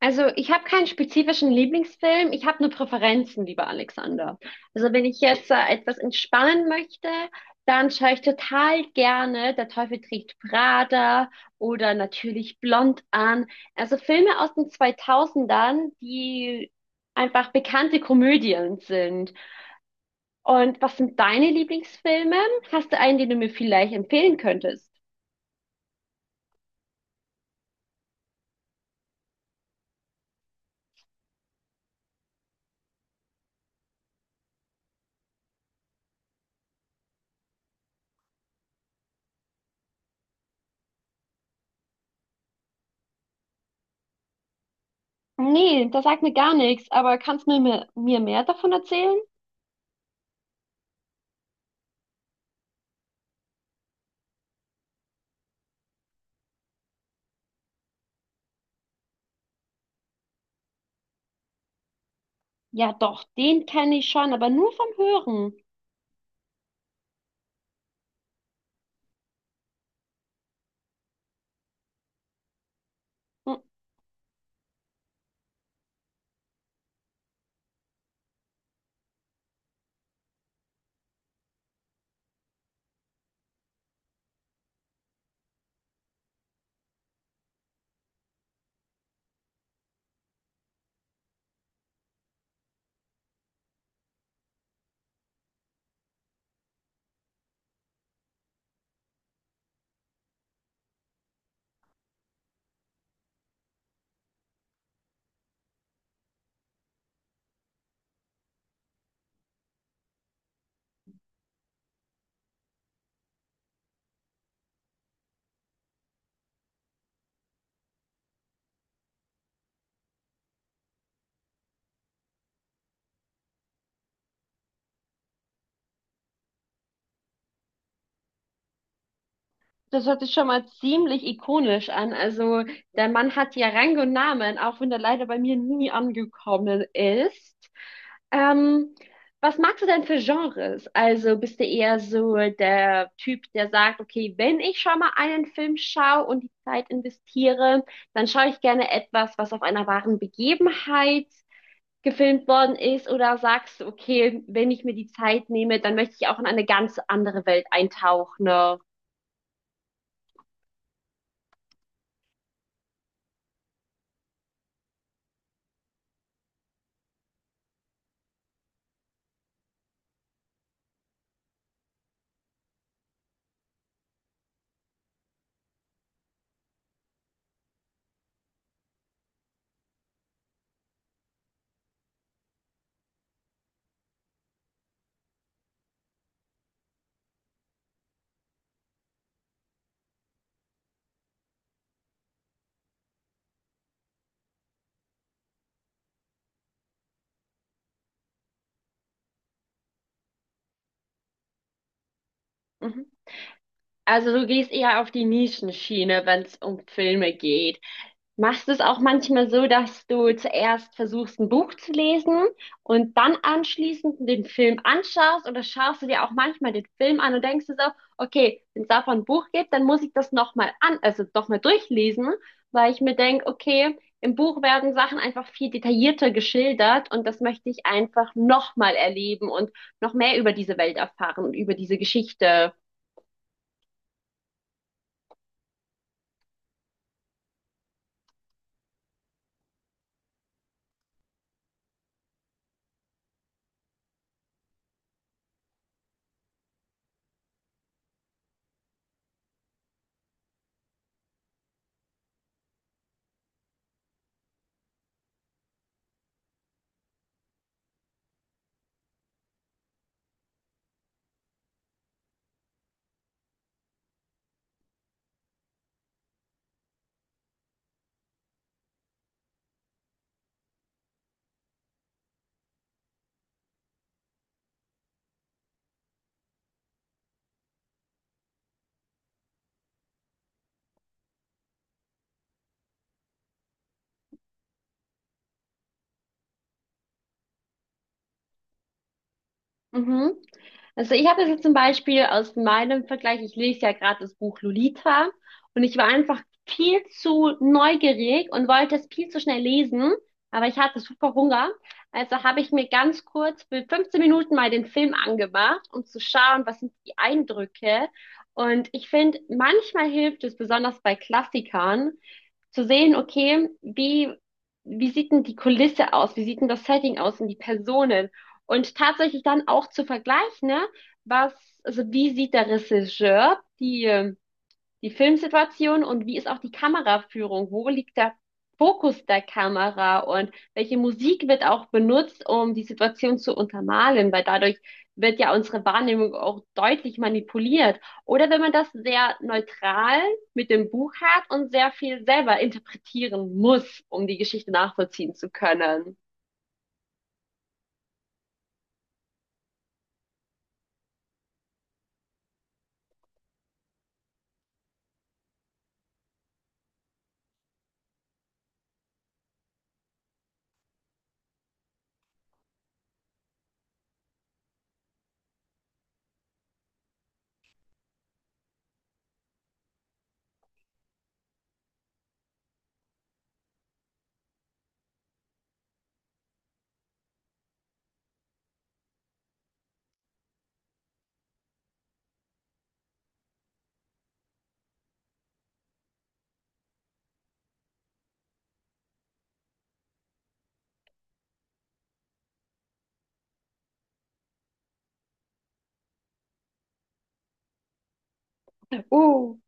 Also ich habe keinen spezifischen Lieblingsfilm, ich habe nur Präferenzen, lieber Alexander. Also wenn ich jetzt etwas entspannen möchte, dann schaue ich total gerne Der Teufel trägt Prada oder natürlich Blond an. Also Filme aus den 2000ern, die einfach bekannte Komödien sind. Und was sind deine Lieblingsfilme? Hast du einen, den du mir vielleicht empfehlen könntest? Nee, das sagt mir gar nichts, aber kannst du mir mehr davon erzählen? Ja, doch, den kenne ich schon, aber nur vom Hören. Hm. Das hört sich schon mal ziemlich ikonisch an. Also, der Mann hat ja Rang und Namen, auch wenn er leider bei mir nie angekommen ist. Ähm, Was magst du denn für Genres? Also, bist du eher so der Typ, der sagt, okay, wenn ich schon mal einen Film schaue und die Zeit investiere, dann schaue ich gerne etwas, was auf einer wahren Begebenheit gefilmt worden ist, oder sagst du, okay, wenn ich mir die Zeit nehme, dann möchte ich auch in eine ganz andere Welt eintauchen. Ne? Mhm. Also du gehst eher auf die Nischenschiene, wenn es um Filme geht. Machst du es auch manchmal so, dass du zuerst versuchst, ein Buch zu lesen und dann anschließend den Film anschaust, oder schaust du dir auch manchmal den Film an und denkst dir so, okay, wenn es davon ein Buch gibt, dann muss ich das nochmal an, also nochmal durchlesen, weil ich mir denke, okay, im Buch werden Sachen einfach viel detaillierter geschildert und das möchte ich einfach nochmal erleben und noch mehr über diese Welt erfahren und über diese Geschichte. Mhm. Also ich habe das jetzt zum Beispiel aus meinem Vergleich, ich lese ja gerade das Buch Lolita und ich war einfach viel zu neugierig und wollte es viel zu schnell lesen, aber ich hatte super Hunger. Also habe ich mir ganz kurz für 15 Minuten mal den Film angemacht, um zu schauen, was sind die Eindrücke. Und ich finde, manchmal hilft es, besonders bei Klassikern, zu sehen, okay, wie, wie sieht denn die Kulisse aus? Wie sieht denn das Setting aus und die Personen? Und tatsächlich dann auch zu vergleichen, ne, was, also wie sieht der Regisseur die, die Filmsituation und wie ist auch die Kameraführung? Wo liegt der Fokus der Kamera und welche Musik wird auch benutzt, um die Situation zu untermalen? Weil dadurch wird ja unsere Wahrnehmung auch deutlich manipuliert. Oder wenn man das sehr neutral mit dem Buch hat und sehr viel selber interpretieren muss, um die Geschichte nachvollziehen zu können. Uh.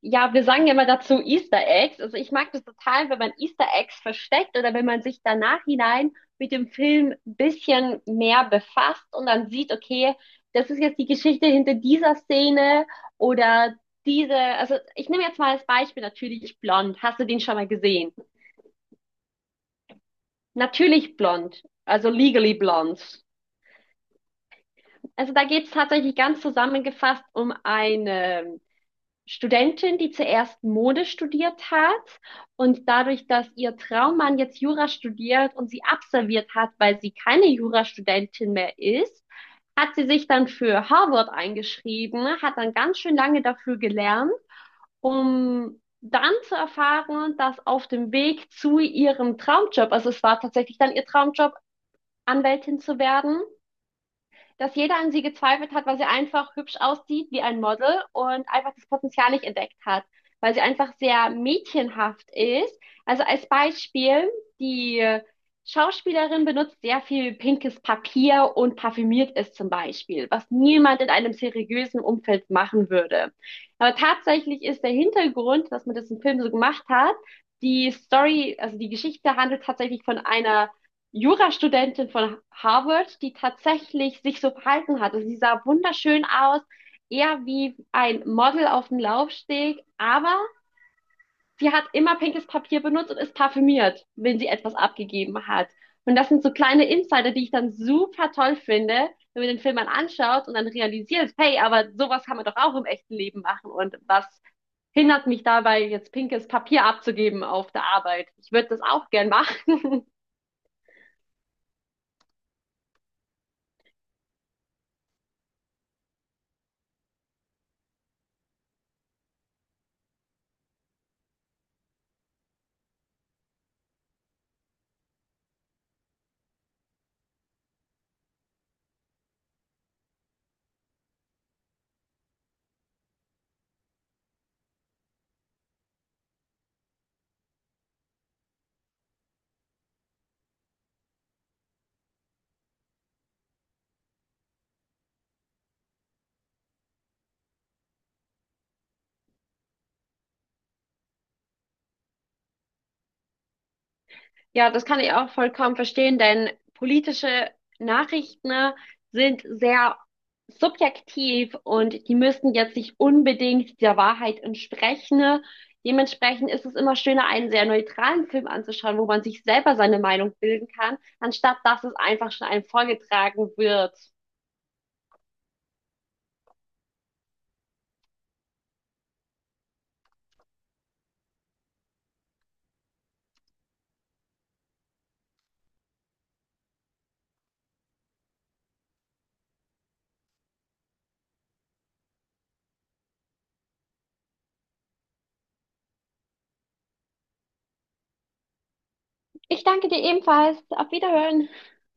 Ja, wir sagen ja immer dazu Easter Eggs. Also ich mag das total, wenn man Easter Eggs versteckt oder wenn man sich danach hinein mit dem Film ein bisschen mehr befasst und dann sieht, okay, das ist jetzt die Geschichte hinter dieser Szene oder diese, also ich nehme jetzt mal als Beispiel natürlich Blond. Hast du den schon mal gesehen? Natürlich Blond, also Legally Blond. Also da geht es tatsächlich ganz zusammengefasst um eine Studentin, die zuerst Mode studiert hat und dadurch, dass ihr Traummann jetzt Jura studiert und sie absolviert hat, weil sie keine Jurastudentin mehr ist, hat sie sich dann für Harvard eingeschrieben, hat dann ganz schön lange dafür gelernt, um dann zu erfahren, dass auf dem Weg zu ihrem Traumjob, also es war tatsächlich dann ihr Traumjob, Anwältin zu werden, dass jeder an sie gezweifelt hat, weil sie einfach hübsch aussieht wie ein Model und einfach das Potenzial nicht entdeckt hat, weil sie einfach sehr mädchenhaft ist. Also als Beispiel, die Schauspielerin benutzt sehr viel pinkes Papier und parfümiert ist zum Beispiel, was niemand in einem seriösen Umfeld machen würde. Aber tatsächlich ist der Hintergrund, dass man das im Film so gemacht hat, die Story, also die Geschichte handelt tatsächlich von einer Jurastudentin von Harvard, die tatsächlich sich so verhalten hat. Also sie sah wunderschön aus, eher wie ein Model auf dem Laufsteg, aber sie hat immer pinkes Papier benutzt und ist parfümiert, wenn sie etwas abgegeben hat. Und das sind so kleine Insider, die ich dann super toll finde, wenn man den Film dann anschaut und dann realisiert, hey, aber sowas kann man doch auch im echten Leben machen. Und was hindert mich dabei, jetzt pinkes Papier abzugeben auf der Arbeit? Ich würde das auch gern machen. Ja, das kann ich auch vollkommen verstehen, denn politische Nachrichten, ne, sind sehr subjektiv und die müssen jetzt nicht unbedingt der Wahrheit entsprechen, ne. Dementsprechend ist es immer schöner, einen sehr neutralen Film anzuschauen, wo man sich selber seine Meinung bilden kann, anstatt dass es einfach schon einem vorgetragen wird. Ich danke dir ebenfalls. Auf Wiederhören.